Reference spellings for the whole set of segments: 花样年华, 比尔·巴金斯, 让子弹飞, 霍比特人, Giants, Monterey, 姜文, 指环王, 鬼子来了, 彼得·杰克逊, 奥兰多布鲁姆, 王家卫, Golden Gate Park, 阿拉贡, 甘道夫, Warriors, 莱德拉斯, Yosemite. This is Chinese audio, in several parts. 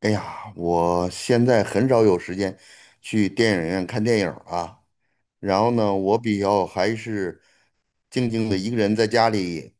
哎呀，我现在很少有时间去电影院看电影儿啊。然后呢，我比较还是静静的一个人在家里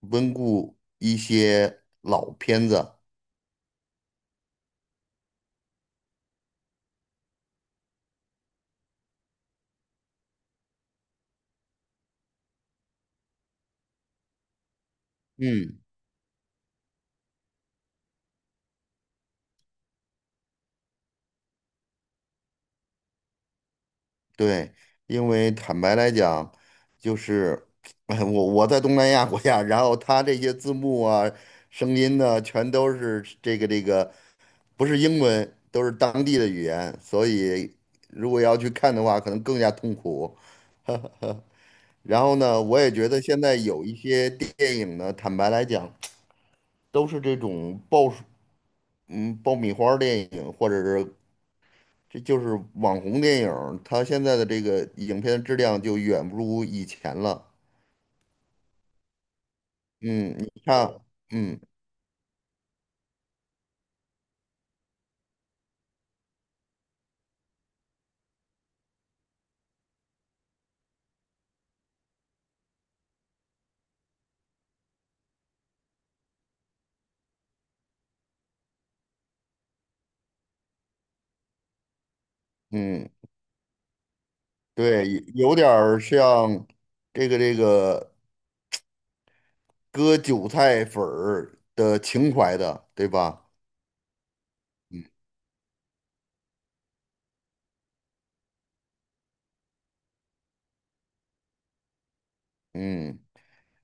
温故一些老片子。嗯，对，因为坦白来讲，就是 哎，我在东南亚国家，然后他这些字幕啊、声音呢，全都是这个，不是英文，都是当地的语言，所以如果要去看的话，可能更加痛苦。然后呢，我也觉得现在有一些电影呢，坦白来讲，都是这种爆，爆米花儿电影，或者是这就是网红电影儿，它现在的这个影片质量就远不如以前了。嗯，你看，嗯嗯，对，有点儿像这个割韭菜粉儿的情怀的，对吧？嗯。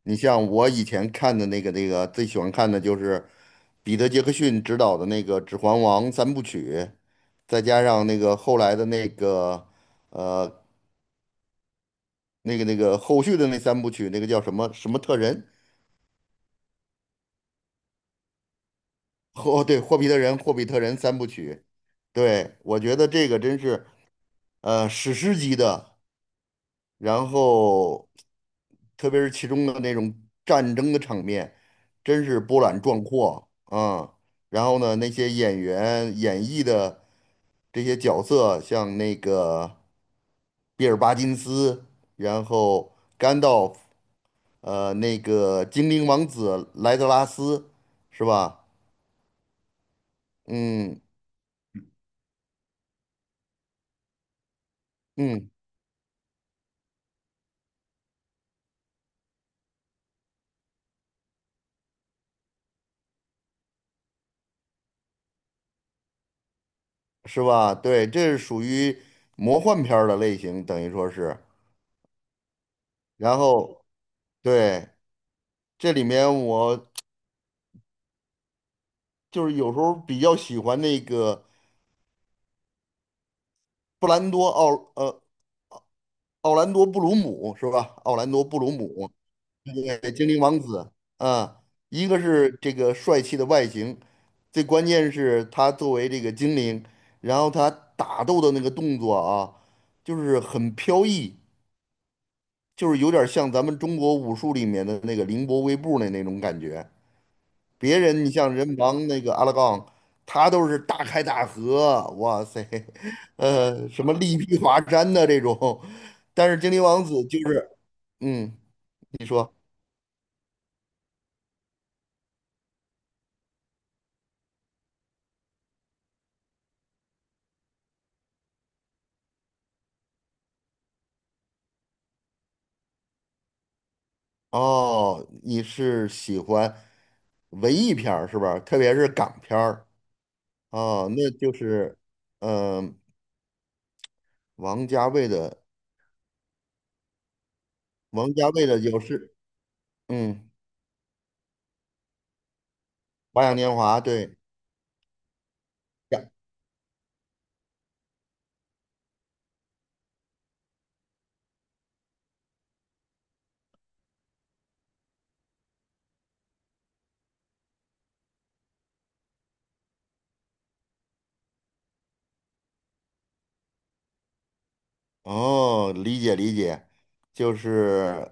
你像我以前看的那个最喜欢看的就是彼得·杰克逊执导的那个《指环王》三部曲，再加上那个后来的那个呃那个后续的那三部曲，那个叫什么什么特人？霍对霍比特人，霍比特人三部曲。对，我觉得这个真是史诗级的。然后特别是其中的那种战争的场面，真是波澜壮阔啊。然后呢，那些演员演绎的这些角色，像那个比尔·巴金斯，然后甘道夫，那个精灵王子莱德拉斯，是吧？嗯嗯，是吧？对，这是属于魔幻片儿的类型，等于说是。然后对，这里面我就是有时候比较喜欢那个布兰多奥呃奥兰多布鲁姆是吧？奥兰多布鲁姆，对，精灵王子啊，一个是这个帅气的外形，最关键是他作为这个精灵，然后他打斗的那个动作啊，就是很飘逸，就是有点像咱们中国武术里面的那个凌波微步的那种感觉。别人你像人王那个阿拉贡，他都是大开大合，哇塞，什么力劈华山的这种，但是精灵王子就是，嗯，你说，哦，你是喜欢文艺片儿是吧？特别是港片儿哦，那就是，嗯、王家卫的，王家卫的有是，嗯，《花样年华》对。哦，理解理解，就是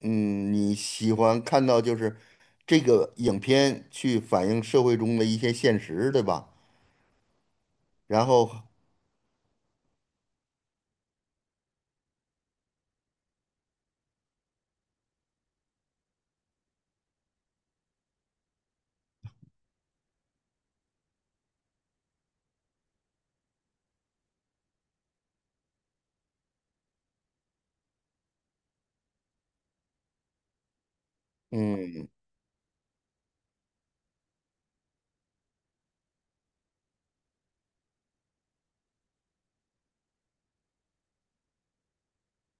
嗯，你喜欢看到就是这个影片去反映社会中的一些现实，对吧？然后，嗯，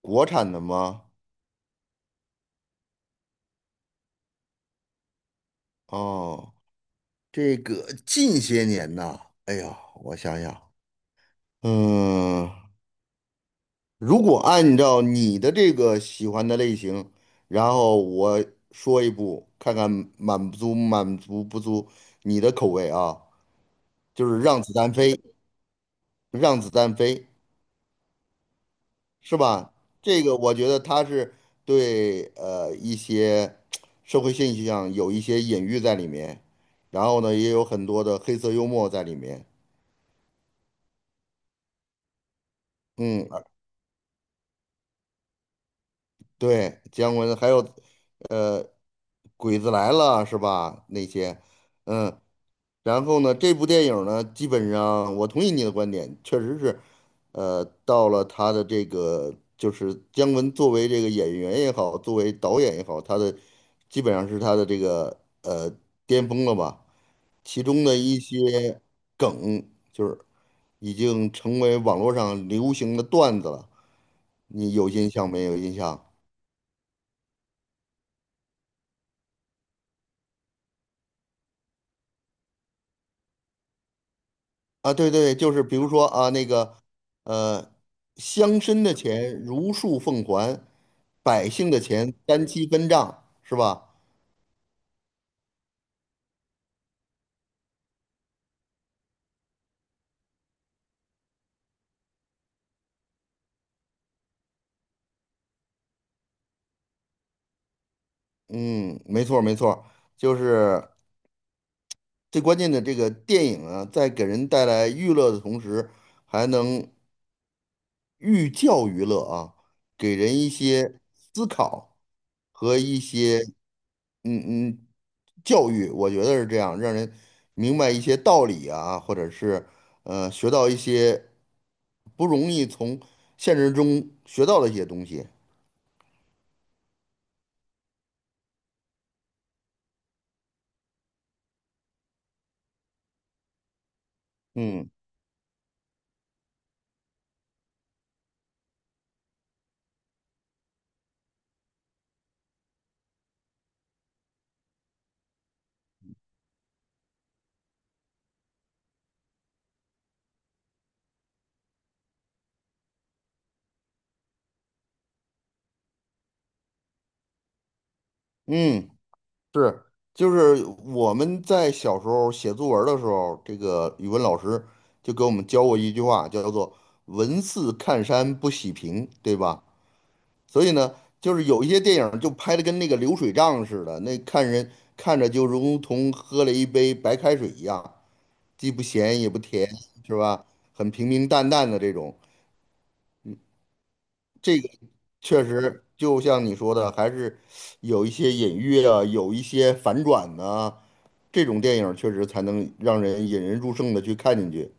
国产的吗？哦，这个近些年呐，哎呀，我想想，嗯，如果按照你的这个喜欢的类型，然后我说一部，看看满足满足不足你的口味啊，就是《让子弹飞》，《让子弹飞》是吧？这个我觉得他是对一些社会现象有一些隐喻在里面，然后呢也有很多的黑色幽默在里面。嗯，啊对，姜文还有呃《鬼子来了》是吧？那些，嗯，然后呢，这部电影呢，基本上我同意你的观点，确实是，呃，到了他的这个，就是姜文作为这个演员也好，作为导演也好，他的基本上是他的这个巅峰了吧。其中的一些梗，就是已经成为网络上流行的段子了。你有印象没有印象？啊，对对，就是比如说啊，那个，呃，乡绅的钱如数奉还，百姓的钱单期分账，是吧？嗯，没错儿没错儿就是最关键的这个电影啊，在给人带来娱乐的同时，还能寓教于乐啊，给人一些思考和一些嗯嗯，教育我觉得是这样，让人明白一些道理啊，或者是学到一些不容易从现实中学到的一些东西。嗯嗯，是，就是我们在小时候写作文儿的时候，这个语文老师就给我们教过一句话，叫做“文似看山不喜平”，对吧？所以呢，就是有一些电影就拍的跟那个流水账似的，那看人看着就如同喝了一杯白开水一样，既不咸也不甜，是吧？很平平淡淡的这种，这个确实就像你说的，还是有一些隐喻啊，有一些反转呐，这种电影确实才能让人引人入胜的去看进去。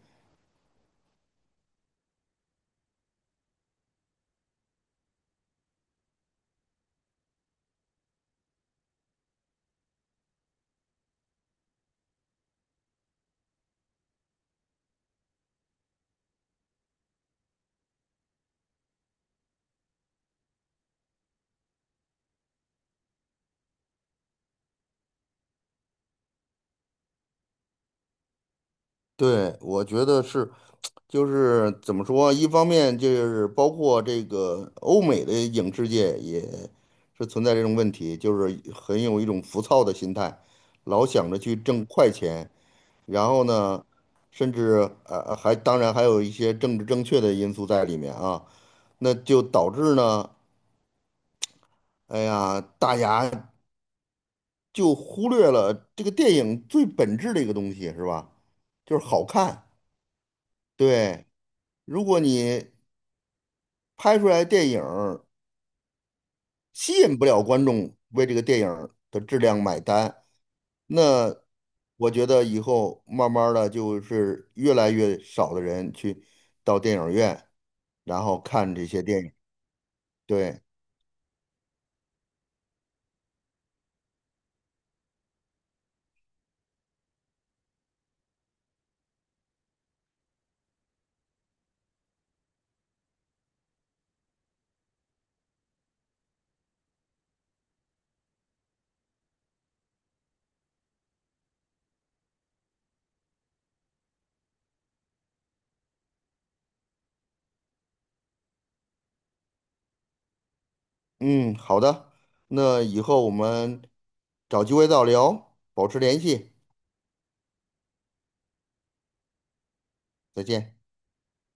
对，我觉得是，就是怎么说，一方面就是包括这个欧美的影视界也是存在这种问题，就是很有一种浮躁的心态，老想着去挣快钱，然后呢，甚至还当然还有一些政治正确的因素在里面啊，那就导致呢，哎呀，大家就忽略了这个电影最本质的一个东西，是吧？就是好看。对，如果你拍出来的电影儿吸引不了观众为这个电影儿的质量买单，那我觉得以后慢慢的就是越来越少的人去到电影院，然后看这些电影。对，嗯，好的，那以后我们找机会再聊，保持联系，再见。